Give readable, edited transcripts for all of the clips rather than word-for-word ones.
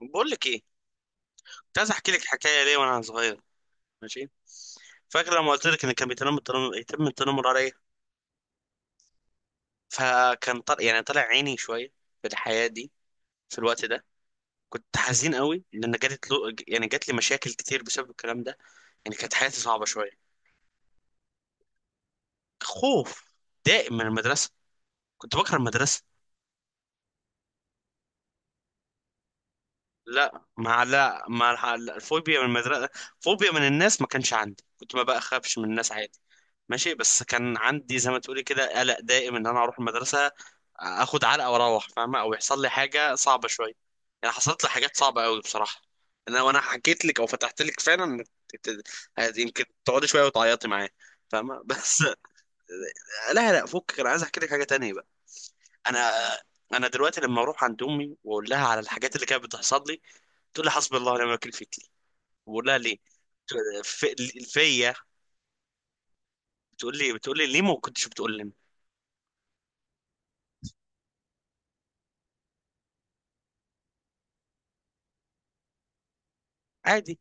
بقول لك ايه؟ كنت عايز احكي لك حكايه ليه وانا صغير. ماشي. فاكر لما قلت لك ان كان بيتنمر، التنمر، يتم التنمر عليا؟ فكان طلع، يعني طلع عيني شويه في الحياه دي، في الوقت ده. كنت حزين قوي لان جات له، يعني جات لي مشاكل كتير بسبب الكلام ده، يعني كانت حياتي صعبه شويه. خوف دائم من المدرسه، كنت بكره المدرسه. لا، مع، لا مع الفوبيا من المدرسة. فوبيا من الناس ما كانش عندي، كنت ما بخافش من الناس عادي. ماشي، بس كان عندي زي ما تقولي كده قلق دائم ان انا اروح المدرسة اخد علقة واروح، فاهمة؟ او يحصل لي حاجة صعبة شوية. يعني حصلت لي حاجات صعبة قوي بصراحة. انا وانا حكيت لك او فتحت لك فعلا، يمكن تقعدي شوية وتعيطي معايا، فاهمة؟ بس. لا لا، فكك، انا عايز احكي لك حاجة تانية بقى. انا، انا دلوقتي لما اروح عند امي واقول لها على الحاجات اللي كانت بتحصل لي، تقول لي حسبي الله ونعم الوكيل فيك. بقول لها ليه؟ فيا. بتقول لي، بتقول لي ليه ما كنتش بتقول لي. عادي.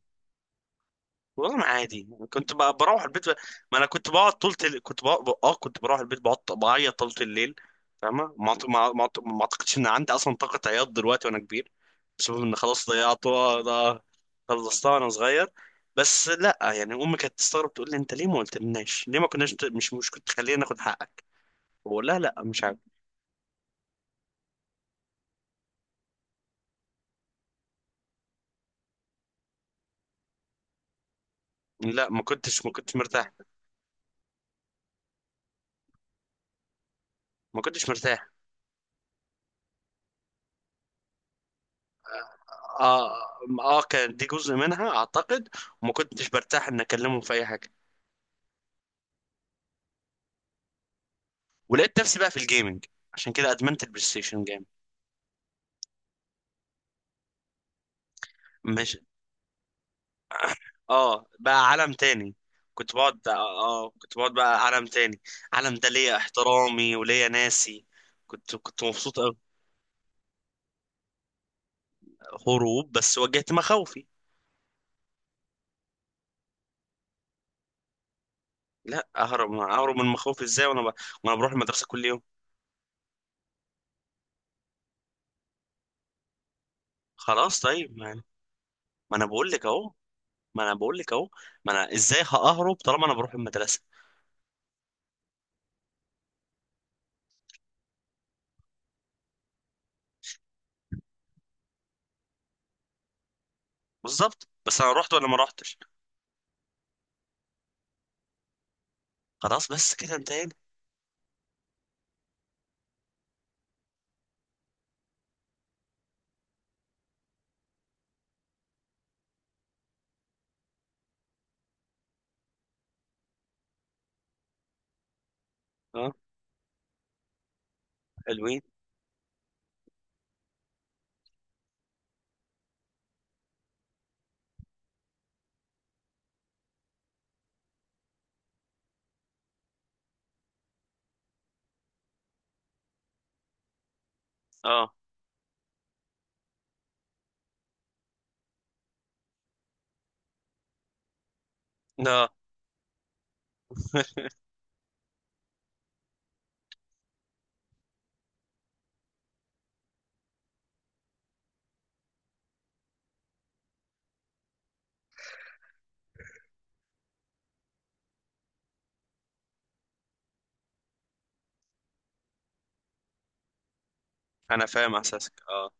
والله ما عادي. كنت بروح البيت ب... ما انا كنت بقعد طول تل... كنت بقعد... اه، كنت بروح البيت بقعد بعيط طول الليل. فاهمه؟ ما اعتقدش ان عندي اصلا طاقه عياط دلوقتي وانا كبير بسبب ان خلاص ضيعتها. ض- خلصتها وانا صغير. بس لا، يعني امي كانت تستغرب تقول لي انت ليه ما قلتلناش؟ ليه ما كناش مش كنت تخلينا ناخد حقك؟ بقول لها لا، مش عارف. لا، ما كنتش مرتاح. ما كنتش مرتاح. اه اه آه، كان دي جزء منها اعتقد. وما كنتش برتاح ان اكلمهم في اي حاجه. ولقيت نفسي بقى في الجيمنج، عشان كده ادمنت البلاي ستيشن جيم. مش، اه، بقى عالم تاني. كنت بقعد اه آه، كنت بقعد بقى عالم تاني. عالم ده ليا احترامي وليا ناسي. كنت مبسوط أوي. هروب، بس واجهت مخاوفي. لا، اهرب، اهرب من مخاوفي ازاي وانا ب... وانا بروح المدرسه كل يوم؟ خلاص طيب، ما، ما انا بقول لك اهو. ما انا بقول لك اهو. ما انا ازاي ههرب طالما انا بروح المدرسه؟ بالظبط، بس انا رحت ولا ما رحتش؟ خلاص، بس كده انتهينا. اه. حلوين. اه. لا انا فاهم احساسك، اه.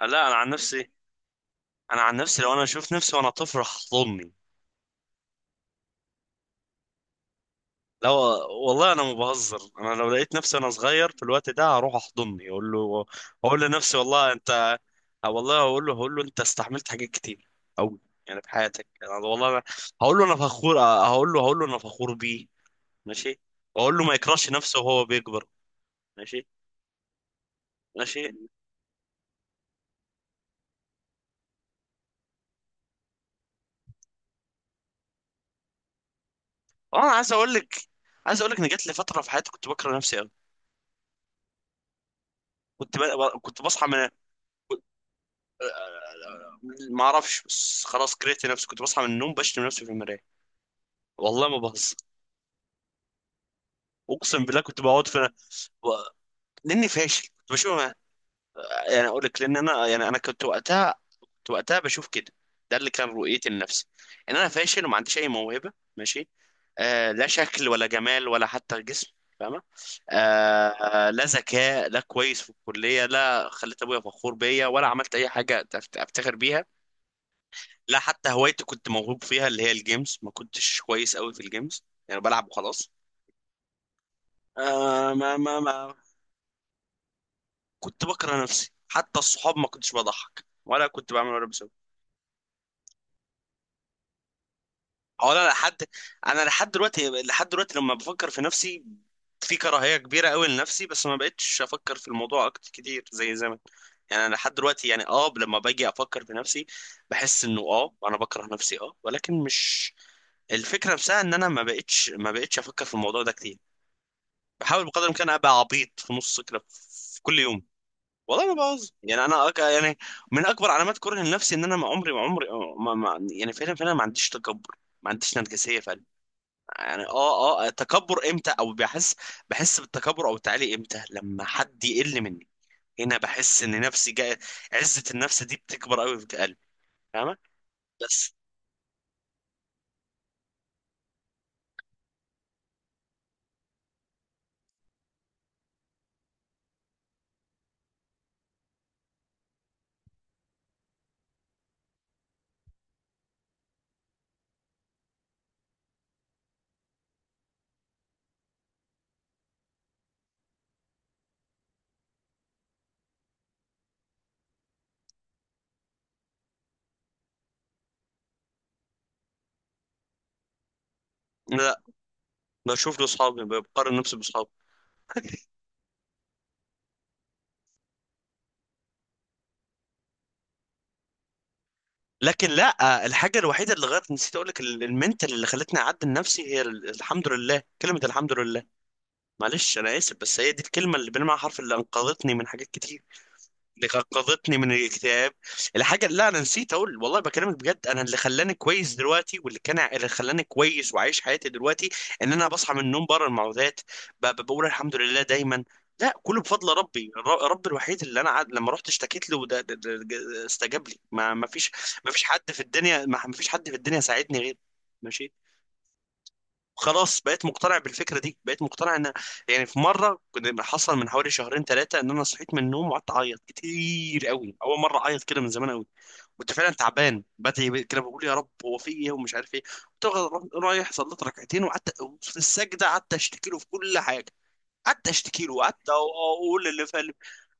لا انا عن نفسي، انا عن نفسي لو انا اشوف نفسي وانا طفل هحضني. لا، والله انا ما بهزر. انا لو لقيت نفسي وانا صغير في الوقت ده، هروح احضني، اقول له، اقول لنفسي والله انت. أو والله اقول له، هقول له انت استحملت حاجات كتير قوي يعني في حياتك. يعني والله أنا هقول له انا فخور، آه، هقول له، هقول له انا فخور بيه. ماشي. واقول له ما يكرهش نفسه وهو بيكبر. ماشي. ماشي. اه انا عايز اقول لك، عايز اقول لك ان جات لي فتره في حياتي كنت بكره نفسي قوي. كنت ب... كنت بصحى من، ما اعرفش، بس خلاص كرهت نفسي. كنت بصحى من النوم بشتم نفسي في المرايه. والله ما بهزر، اقسم بالله. كنت بقعد في و- لاني فاشل، كنت بشوف، يعني اقول لك، لان انا يعني انا كنت وقتها، كنت وقتها بشوف كده. ده اللي كان رؤيتي لنفسي، ان انا فاشل وما عنديش اي موهبه، ماشي. آه، لا شكل ولا جمال ولا حتى جسم، فاهمه؟ آه آه، لا ذكاء، لا كويس في الكليه، لا خليت ابويا فخور بيا، ولا عملت اي حاجه افتخر بيها. لا حتى هوايتي كنت موهوب فيها اللي هي الجيمز، ما كنتش كويس قوي في الجيمز، يعني بلعب وخلاص. آه ما كنت بكره نفسي. حتى الصحاب ما كنتش بضحك ولا كنت بعمل ولا بسوي. هو انا لحد، انا لحد دلوقتي، لحد دلوقتي لما بفكر في نفسي في كراهية كبيرة قوي لنفسي، بس ما بقتش افكر في الموضوع اكتر كتير زي زمان. يعني انا لحد دلوقتي يعني اه لما باجي افكر في نفسي، بحس انه اه انا بكره نفسي اه، ولكن مش الفكرة نفسها. ان انا ما بقتش افكر في الموضوع ده كتير. بحاول بقدر الامكان ابقى عبيط في نص كده في كل يوم. والله ما بهزر. يعني انا أك... يعني من اكبر علامات كره لنفسي ان انا ما عمري ما... ما... يعني فعلا فعلا ما عنديش تكبر، ما عنديش نرجسية فعلا. يعني اه اه تكبر امتى؟ او بحس، بحس بالتكبر او التعالي امتى؟ لما حد يقل مني، هنا بحس ان نفسي جاي. عزة النفس دي بتكبر قوي في قلبي، فاهمة؟ بس لا، بشوف لاصحابي، بقارن نفسي باصحابي. لكن لا، آه، الحاجة الوحيدة اللي غيرت، نسيت اقول لك، المنتال اللي خلتني اعدل نفسي هي الحمد لله، كلمة الحمد لله. معلش انا اسف، بس هي دي الكلمة، اللي بنمع حرف، اللي انقذتني من حاجات كتير، اللي انقذتني من الاكتئاب. الحاجه، لا انا نسيت اقول والله، بكلمك بجد، انا اللي خلاني كويس دلوقتي، واللي كان اللي خلاني كويس وعايش حياتي دلوقتي، ان انا بصحى من النوم بره المعوذات، بقول الحمد لله دايما. لا، كله بفضل ربي. ربي الوحيد اللي انا عاد لما رحت اشتكيت له، استجاب لي. ما فيش ما فيش حد في الدنيا، ما فيش حد في الدنيا ساعدني غير، ماشي. خلاص بقيت مقتنع بالفكره دي، بقيت مقتنع ان، يعني في مره كنت، حصل من حوالي شهرين ثلاثه، ان انا صحيت من النوم وقعدت اعيط كتير قوي، اول مره اعيط كده من زمان قوي. كنت فعلا تعبان، بدعي كده بقول يا رب هو في ايه، ومش عارف ايه. كنت رايح، صليت ركعتين، وقعدت في السجده، قعدت اشتكي له في كل حاجه، قعدت اشتكي له، وقعدت اقول اللي،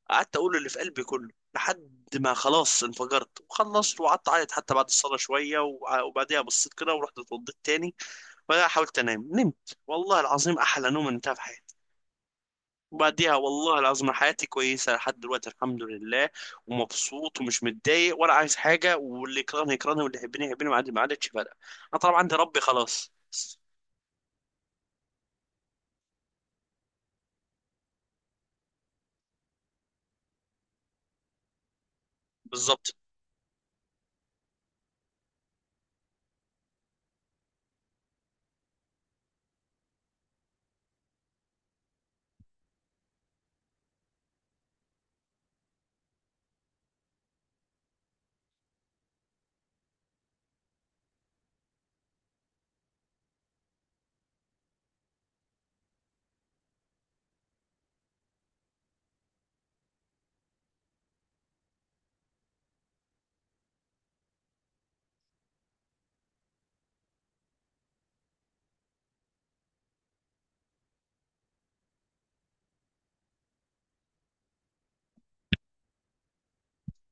قعدت اقول اللي في قلبي كله، لحد ما خلاص انفجرت وخلصت، وقعدت اعيط حتى بعد الصلاه شويه. وبعديها بصيت كده ورحت اتوضيت تاني، وبعدها حاولت انام، نمت والله العظيم احلى نوم انتهى في حياتي. وبعديها والله العظيم حياتي كويسه لحد دلوقتي الحمد لله. ومبسوط ومش متضايق ولا عايز حاجه، واللي يكرهني يكرهني واللي يحبني يحبني، ما عادتش فارقه. انا طبعا عندي ربي، خلاص. بالظبط.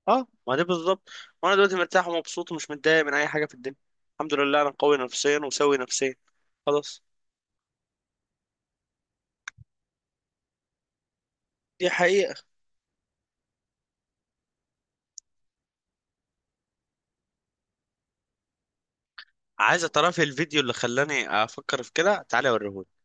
اه ما دي بالظبط. وانا دلوقتي مرتاح ومبسوط ومش متضايق من اي حاجه في الدنيا. الحمد لله انا قوي نفسيا وسوي نفسيا. خلاص. دي حقيقه. عايز تعرفي الفيديو اللي خلاني افكر في كده؟ تعالي اوريهولك.